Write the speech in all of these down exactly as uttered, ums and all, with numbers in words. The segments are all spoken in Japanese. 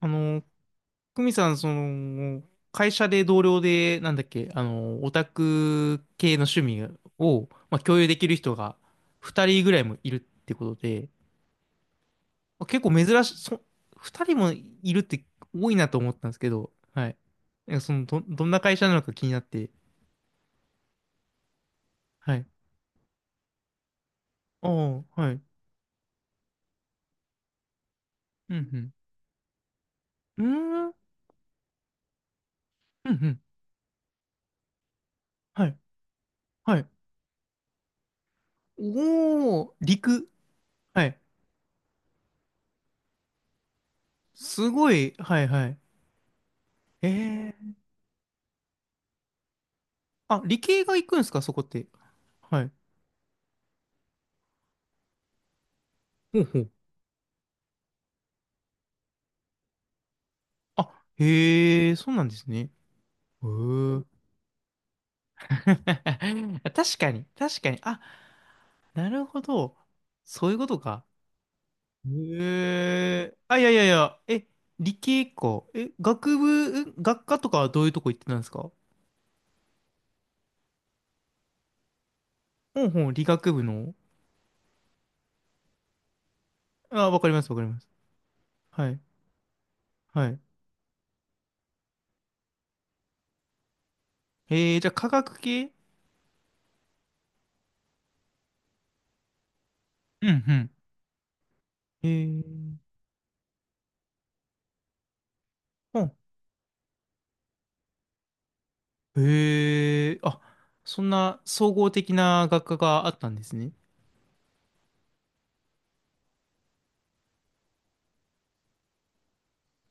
あの、久美さん、その、会社で同僚で、なんだっけ、あの、オタク系の趣味を、まあ、共有できる人がふたりぐらいもいるってことで、まあ結構珍しい、そ、ふたりもいるって多いなと思ったんですけど、はい。なんかその、ど、どんな会社なのか気になって、はい。ああ、はい。うん、うん。うーん、うん、うん。はい、はい。おー、陸。はい。すごい、はい、はい。えー。あ、理系が行くんですか、そこって？はい。ほうほう。あ、へえ、そうなんですね。へえ。確かに、確かに。あ、なるほど。そういうことか。へえ。あ、いやいやいや。え、理系か。え、学部、ん学科とかはどういうとこ行ってたんですか？ほんほん、理学部の。あ、わかります、わかります。はい、はい。えー、じゃあ科学系。うんうん。えー、ほん。へえ。あ、そんな総合的な学科があったんですね。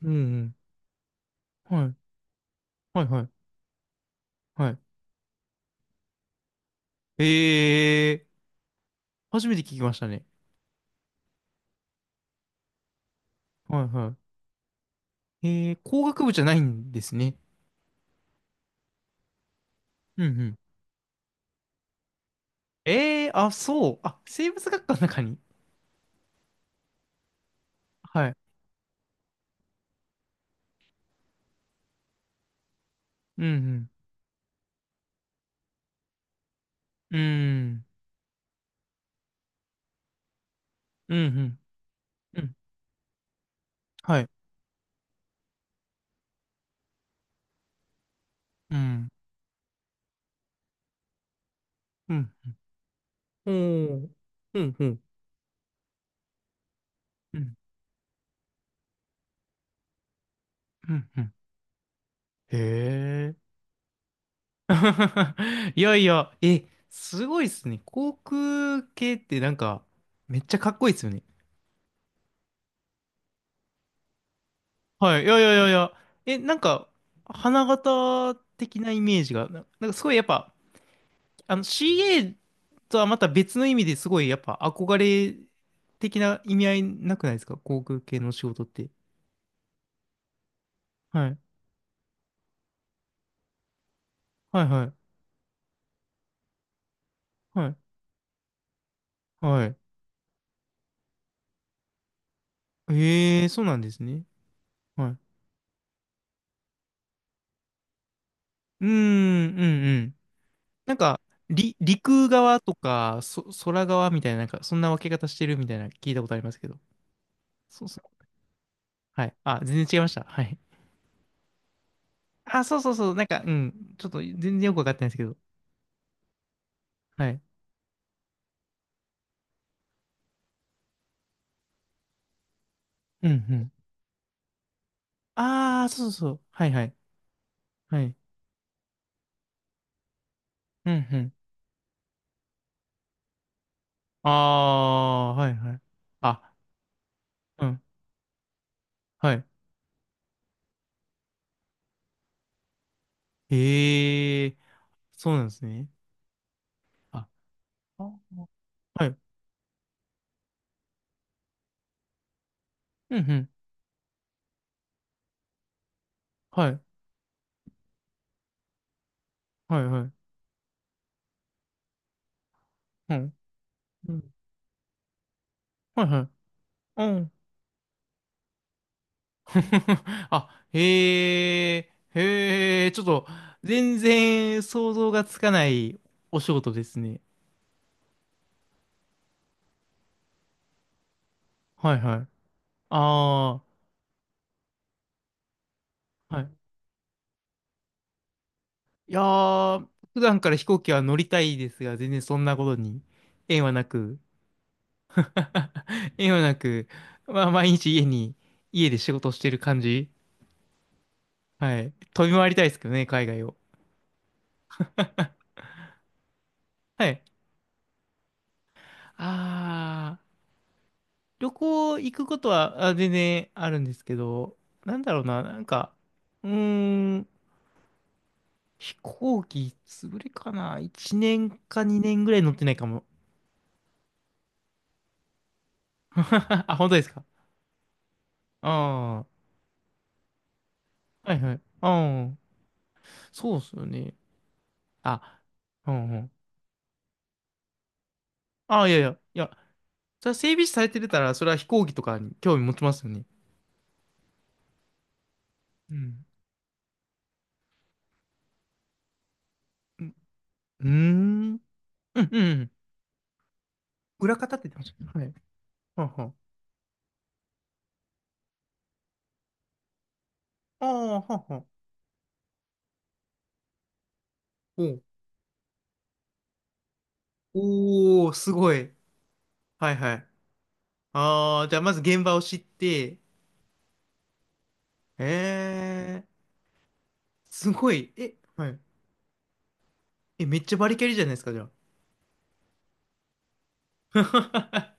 うんうん。はいはいはい。はい。ええー、初めて聞きましたね。はいはい。ええー、工学部じゃないんですね。うんうん。ええー、あ、そう。あ、生物学科の中に。はい。うんうん。うん。うんうん。うん。はい。うん。うん。おー。うんうん。うん。うんうん。へえ。いやいや、え、すごいっすね。航空系ってなんか、めっちゃかっこいいっすよね。はい。いやいやいやいや。え、なんか、花形的なイメージが、な、なんかすごいやっぱ、あの シーエー とはまた別の意味ですごいやっぱ憧れ的な意味合いなくないですか、航空系の仕事って？はい。はいはい。はい。はい。ええ、そうなんですね。はい。うーん、うんうん。なんか、り、陸側とか、そ、空側みたいな、なんか、そんな分け方してるみたいな聞いたことありますけど。そうそう。はい。あ、全然違いました。はい。あ、そうそうそう、なんか、うん、ちょっと全然よくわかってないですけど。はい。うんうん。ああ、そうそうそう。はいはい。はい。うんうん。ああ、はいはい。あ、うん。はい。へえ、そうなんですね。あ、あはい。うんうん。はい。はいはい。うん。うん、はいはい。うん。あ、へえ、へえ、ちょっと、全然想像がつかないお仕事ですね。はいはい。ああ、はい。いやー、普段から飛行機は乗りたいですが、全然そんなことに縁はなく、縁はなく、まあ毎日家に、家で仕事してる感じ。はい。飛び回りたいですけどね、海外を。はい。あー、旅行行くことはあ全然あるんですけど、なんだろうな、なんか、うーん、飛行機潰れかな？ いち 年かにねんぐらい乗ってないかも。あ、本当ですか？ああー、はいはい。ああ、そうっすよね。あ、うんうん。あ、いやいや、いや、それは整備士されてたら、それは飛行機とかに興味持ちますよね。うん。うん。うーん。うんうんうん。裏方って言ってました。はい。はんはん。ああ、はんはん。おうおー、すごい。はいはい。ああ、じゃあまず現場を知って。ええー、すごい。え、はい。え、めっちゃバリキャリじゃないですか、じゃあ。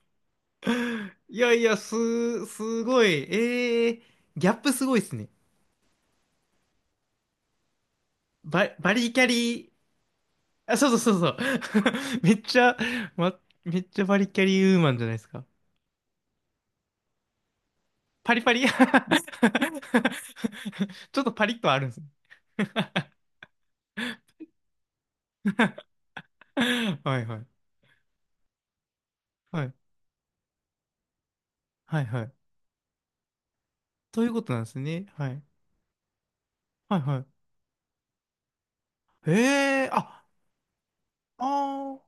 いやいや、す、すごい。ええー、ギャップすごいですね。バ、バリキャリ。あ、そうそうそうそう。めっちゃ、ま、めっちゃバリキャリーウーマンじゃないですか。パリパリ。 ちょっとパリッとはあるんですね。はいはい。はい。はいはい。ということなんですね。はい。はいはい。へえ、あ、あー、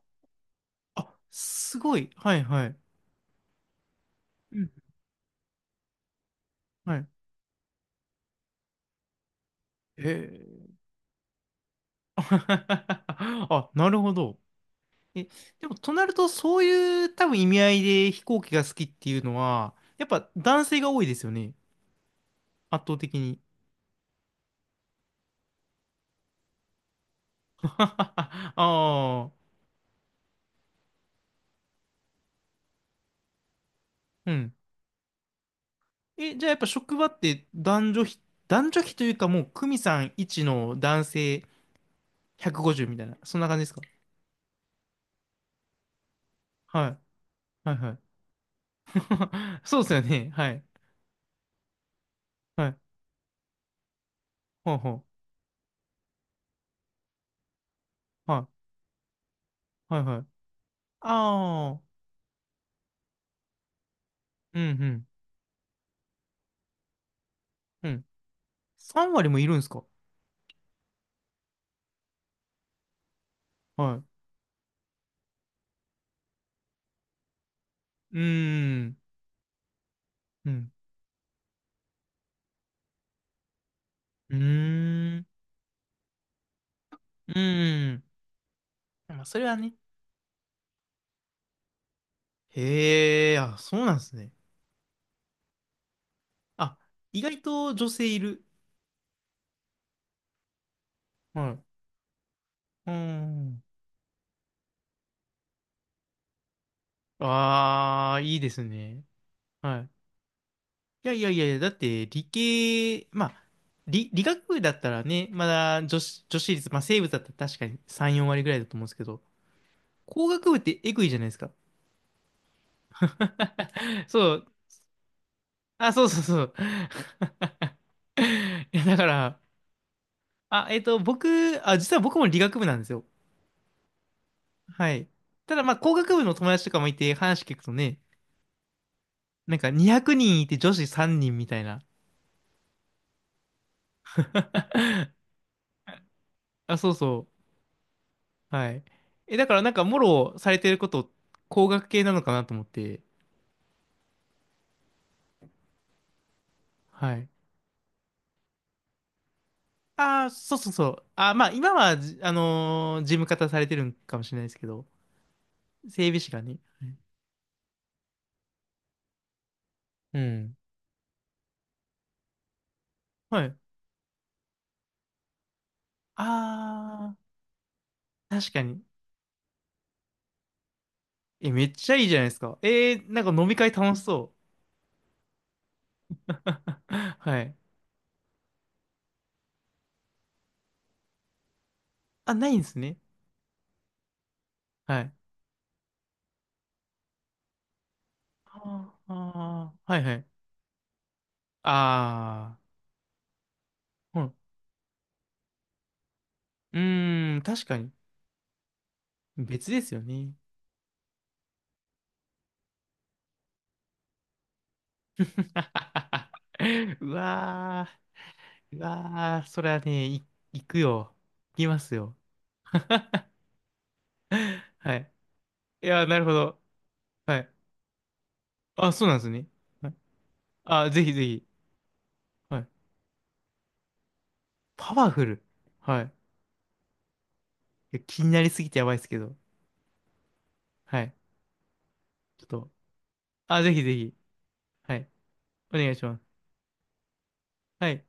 あ、すごい。はいはい。うん。はい。へえ。あ、なるほど。え、でも、となると、そういう多分意味合いで飛行機が好きっていうのは、やっぱ男性が多いですよね。圧倒的に。ああ、うん。え、じゃあやっぱ職場って男女比、男女比というかもう、久美さんいちの男性ひゃくごじゅうみたいな、そんな感じですか？はい。はいはい。そうですよね。はい。はい。ほうほう。はい。はいはい。ああ、うんうん。うん。さん割もいるんですか？はい。うーん。うん。うーん。うーん。まあ、それはね。へえ、あ、そうなんですね。あ、意外と女性いる。はい、うん。ああ、いいですね。はい。いやいやいやいや、だって理系、まあ、理、理学部だったらね、まだ女子、女子率、まあ生物だったら確かにさん、よん割ぐらいだと思うんですけど、工学部ってエグいじゃないですか。そう。あ、そうそうそう。いや、だから、あ、えっと、僕、あ、実は僕も理学部なんですよ。はい。ただ、まあ、工学部の友達とかもいて話聞くとね、なんかにひゃくにんいて女子さんにんみたいな。あ、そうそう。はい。え、だからなんか、もろされてること、工学系なのかなと思って。はい。ああ、そうそうそう。あー、まあ、今はじ、あのー事務方されてるんかもしれないですけど、整備士がね。うん。はい。ああ、確かに。え、めっちゃいいじゃないですか。えー、なんか飲み会楽しそう。はい。あ、ないんですね。はい。あーあー、はいはい。ああ、うん。うーん、確かに。別ですよね。うわー、うわー、それはね、い、行くよ。行きますよ。はい。いやー、なるほど。はい。あ、そうなんですね。はい、あ、ぜひぜひ。はい。パワフル。はい。いや、気になりすぎてやばいですけど。はい。ちょっと。あ、ぜひぜひ。はい。お願いします。はい。